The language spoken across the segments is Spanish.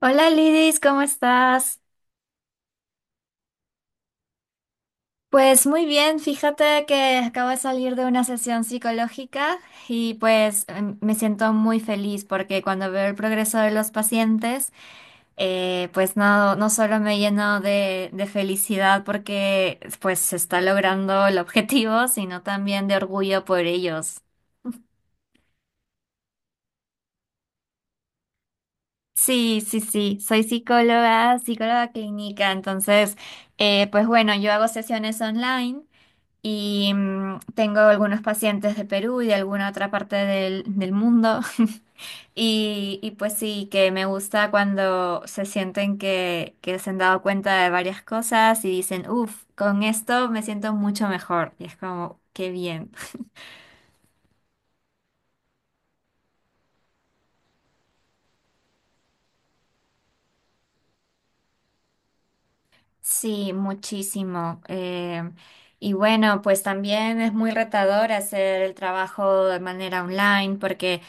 Hola Lidis, ¿cómo estás? Pues muy bien, fíjate que acabo de salir de una sesión psicológica y pues me siento muy feliz porque cuando veo el progreso de los pacientes, pues no solo me lleno de felicidad porque pues se está logrando el objetivo, sino también de orgullo por ellos. Sí, sí, sí, soy psicóloga, psicóloga clínica, entonces, pues bueno, yo hago sesiones online. Y tengo algunos pacientes de Perú y de alguna otra parte del mundo. Y, y pues sí, que me gusta cuando se sienten que se han dado cuenta de varias cosas y dicen, uff, con esto me siento mucho mejor. Y es como, qué bien. Sí, muchísimo. Y bueno, pues también es muy retador hacer el trabajo de manera online porque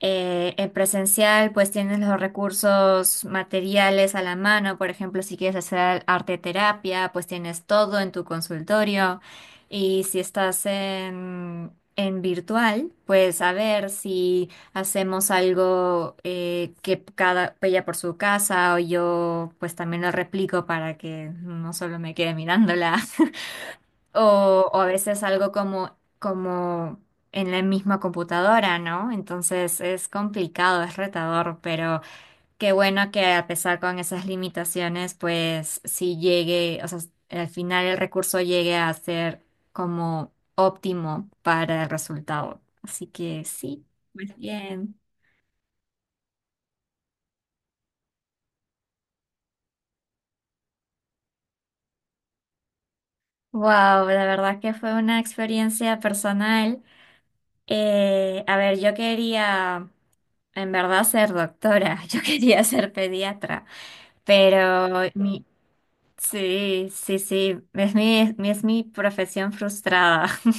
en presencial pues tienes los recursos materiales a la mano. Por ejemplo, si quieres hacer arte terapia, pues tienes todo en tu consultorio. Y si estás en virtual, pues a ver si... Hacemos algo que cada ella por su casa o yo pues también lo replico para que no solo me quede mirándola. O, o a veces algo como, como en la misma computadora, ¿no? Entonces es complicado, es retador, pero qué bueno que a pesar con esas limitaciones, pues si llegue, o sea, al final el recurso llegue a ser como óptimo para el resultado. Así que sí, pues bien. Wow, la verdad que fue una experiencia personal. A ver, yo quería en verdad ser doctora, yo quería ser pediatra, pero mi, sí, sí, sí, es mi, es mi profesión frustrada.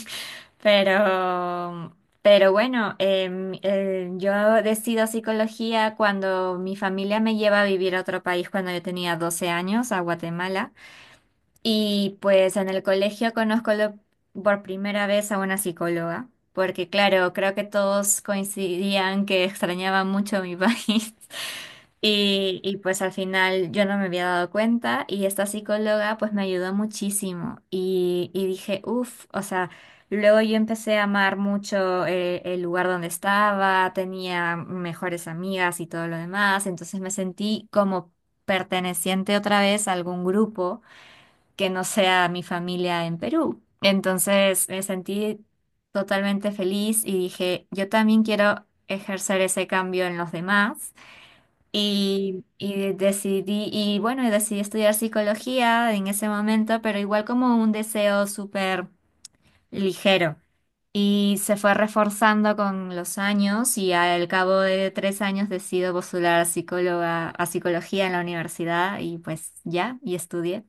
Pero, pero bueno, yo decido psicología cuando mi familia me lleva a vivir a otro país cuando yo tenía 12 años, a Guatemala. Y pues en el colegio conozco por primera vez a una psicóloga, porque claro, creo que todos coincidían que extrañaba mucho mi país. Y pues al final yo no me había dado cuenta y esta psicóloga pues me ayudó muchísimo y dije, uff, o sea, luego yo empecé a amar mucho el lugar donde estaba, tenía mejores amigas y todo lo demás, entonces me sentí como perteneciente otra vez a algún grupo que no sea mi familia en Perú. Entonces me sentí totalmente feliz y dije, yo también quiero ejercer ese cambio en los demás. Y decidí, y bueno, y decidí estudiar psicología en ese momento, pero igual como un deseo súper ligero. Y se fue reforzando con los años y al cabo de 3 años decido postular a psicóloga, a psicología en la universidad y pues ya, y estudié.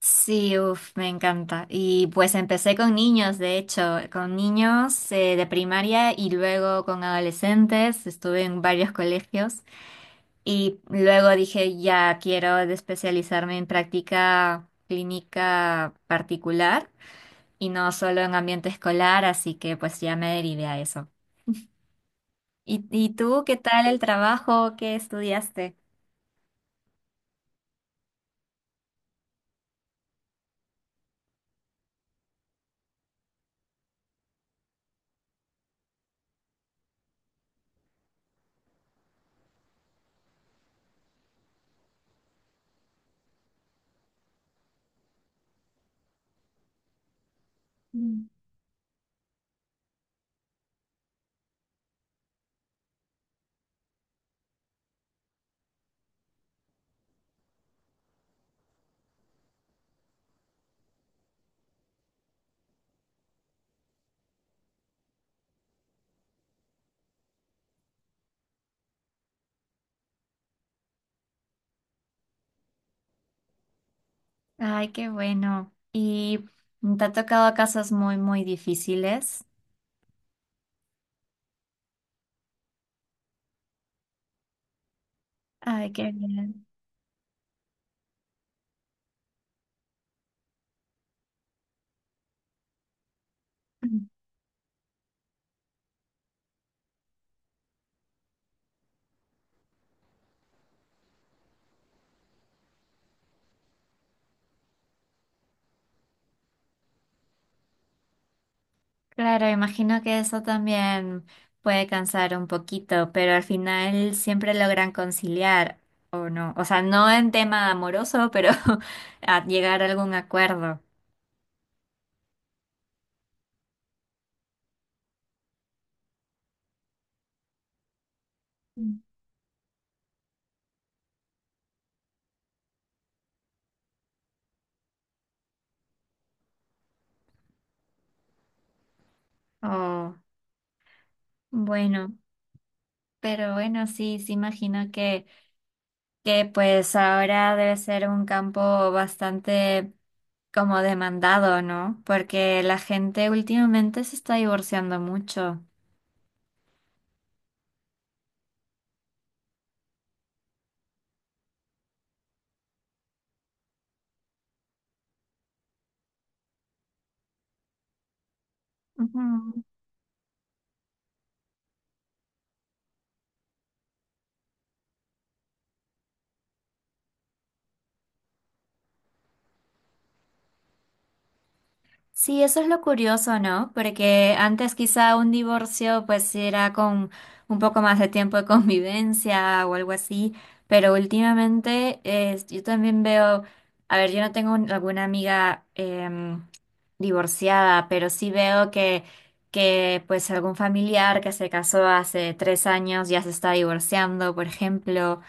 Sí, uff, me encanta. Y pues empecé con niños, de hecho, con niños de primaria y luego con adolescentes. Estuve en varios colegios y luego dije, ya quiero especializarme en práctica clínica particular y no solo en ambiente escolar, así que pues ya me derivé a eso. Y tú qué tal el trabajo? ¿Que estudiaste? Mm. Ay, qué bueno. ¿Y te ha tocado casos muy, muy difíciles? Ay, qué bien. Mm. Claro, imagino que eso también puede cansar un poquito, pero al final siempre logran conciliar, ¿o no? O sea, no en tema amoroso, pero a llegar a algún acuerdo. Mm. Oh, bueno, pero bueno, sí, sí imagino que pues ahora debe ser un campo bastante como demandado, ¿no? Porque la gente últimamente se está divorciando mucho. Sí, eso es lo curioso, ¿no? Porque antes quizá un divorcio pues era con un poco más de tiempo de convivencia o algo así, pero últimamente yo también veo, a ver, yo no tengo alguna amiga divorciada, pero sí veo que pues algún familiar que se casó hace 3 años ya se está divorciando, por ejemplo,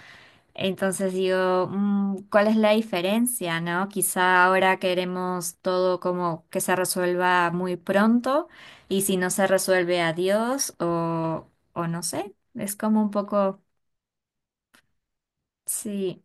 entonces digo, mm, ¿cuál es la diferencia, no? Quizá ahora queremos todo como que se resuelva muy pronto y si no se resuelve, adiós o no sé. Es como un poco, sí.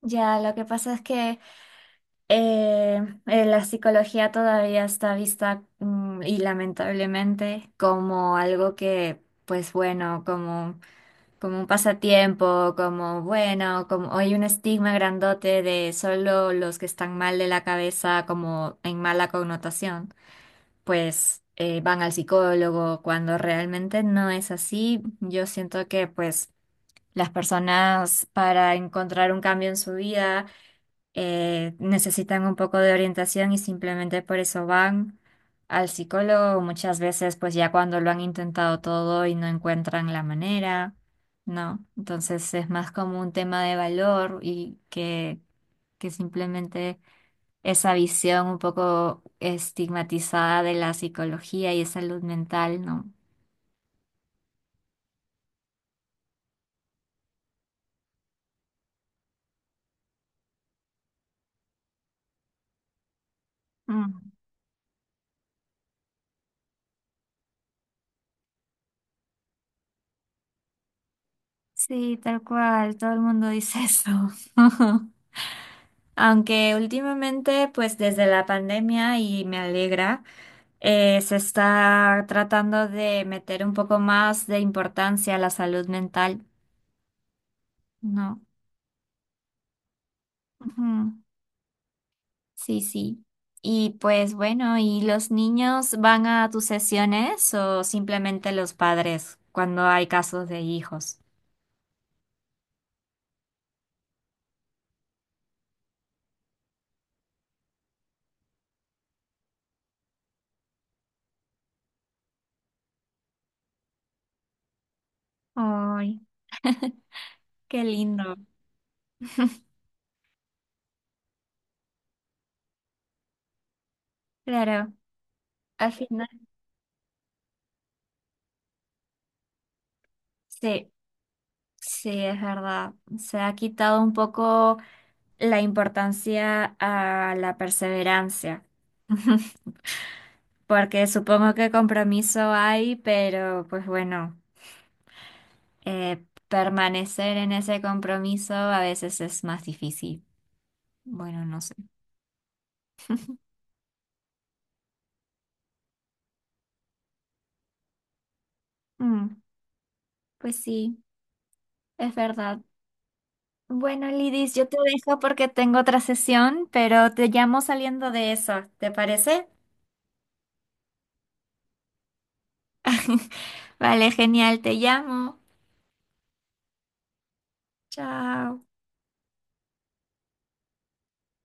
Ya, lo que pasa es que eh, la psicología todavía está vista mm, y lamentablemente como algo que, pues bueno, como como un pasatiempo, como bueno, como hay un estigma grandote de solo los que están mal de la cabeza, como en mala connotación, pues van al psicólogo, cuando realmente no es así. Yo siento que pues las personas para encontrar un cambio en su vida necesitan un poco de orientación y simplemente por eso van al psicólogo. Muchas veces, pues ya cuando lo han intentado todo y no encuentran la manera, ¿no? Entonces es más como un tema de valor y que simplemente esa visión un poco estigmatizada de la psicología y salud mental, ¿no? Mm. Sí, tal cual, todo el mundo dice eso. Aunque últimamente, pues desde la pandemia, y me alegra, se está tratando de meter un poco más de importancia a la salud mental, ¿no? Ujú. Sí, sí. Y pues bueno, ¿y los niños van a tus sesiones o simplemente los padres cuando hay casos de hijos? Ay, qué lindo. Claro, al final, sí, sí, es verdad. Se ha quitado un poco la importancia a la perseverancia, porque supongo que compromiso hay, pero pues bueno, permanecer en ese compromiso a veces es más difícil. Bueno, no sé. Mm, pues sí, es verdad. Bueno, Lidis, yo te dejo porque tengo otra sesión, pero te llamo saliendo de eso, ¿te parece? Vale, genial, te llamo. Chao.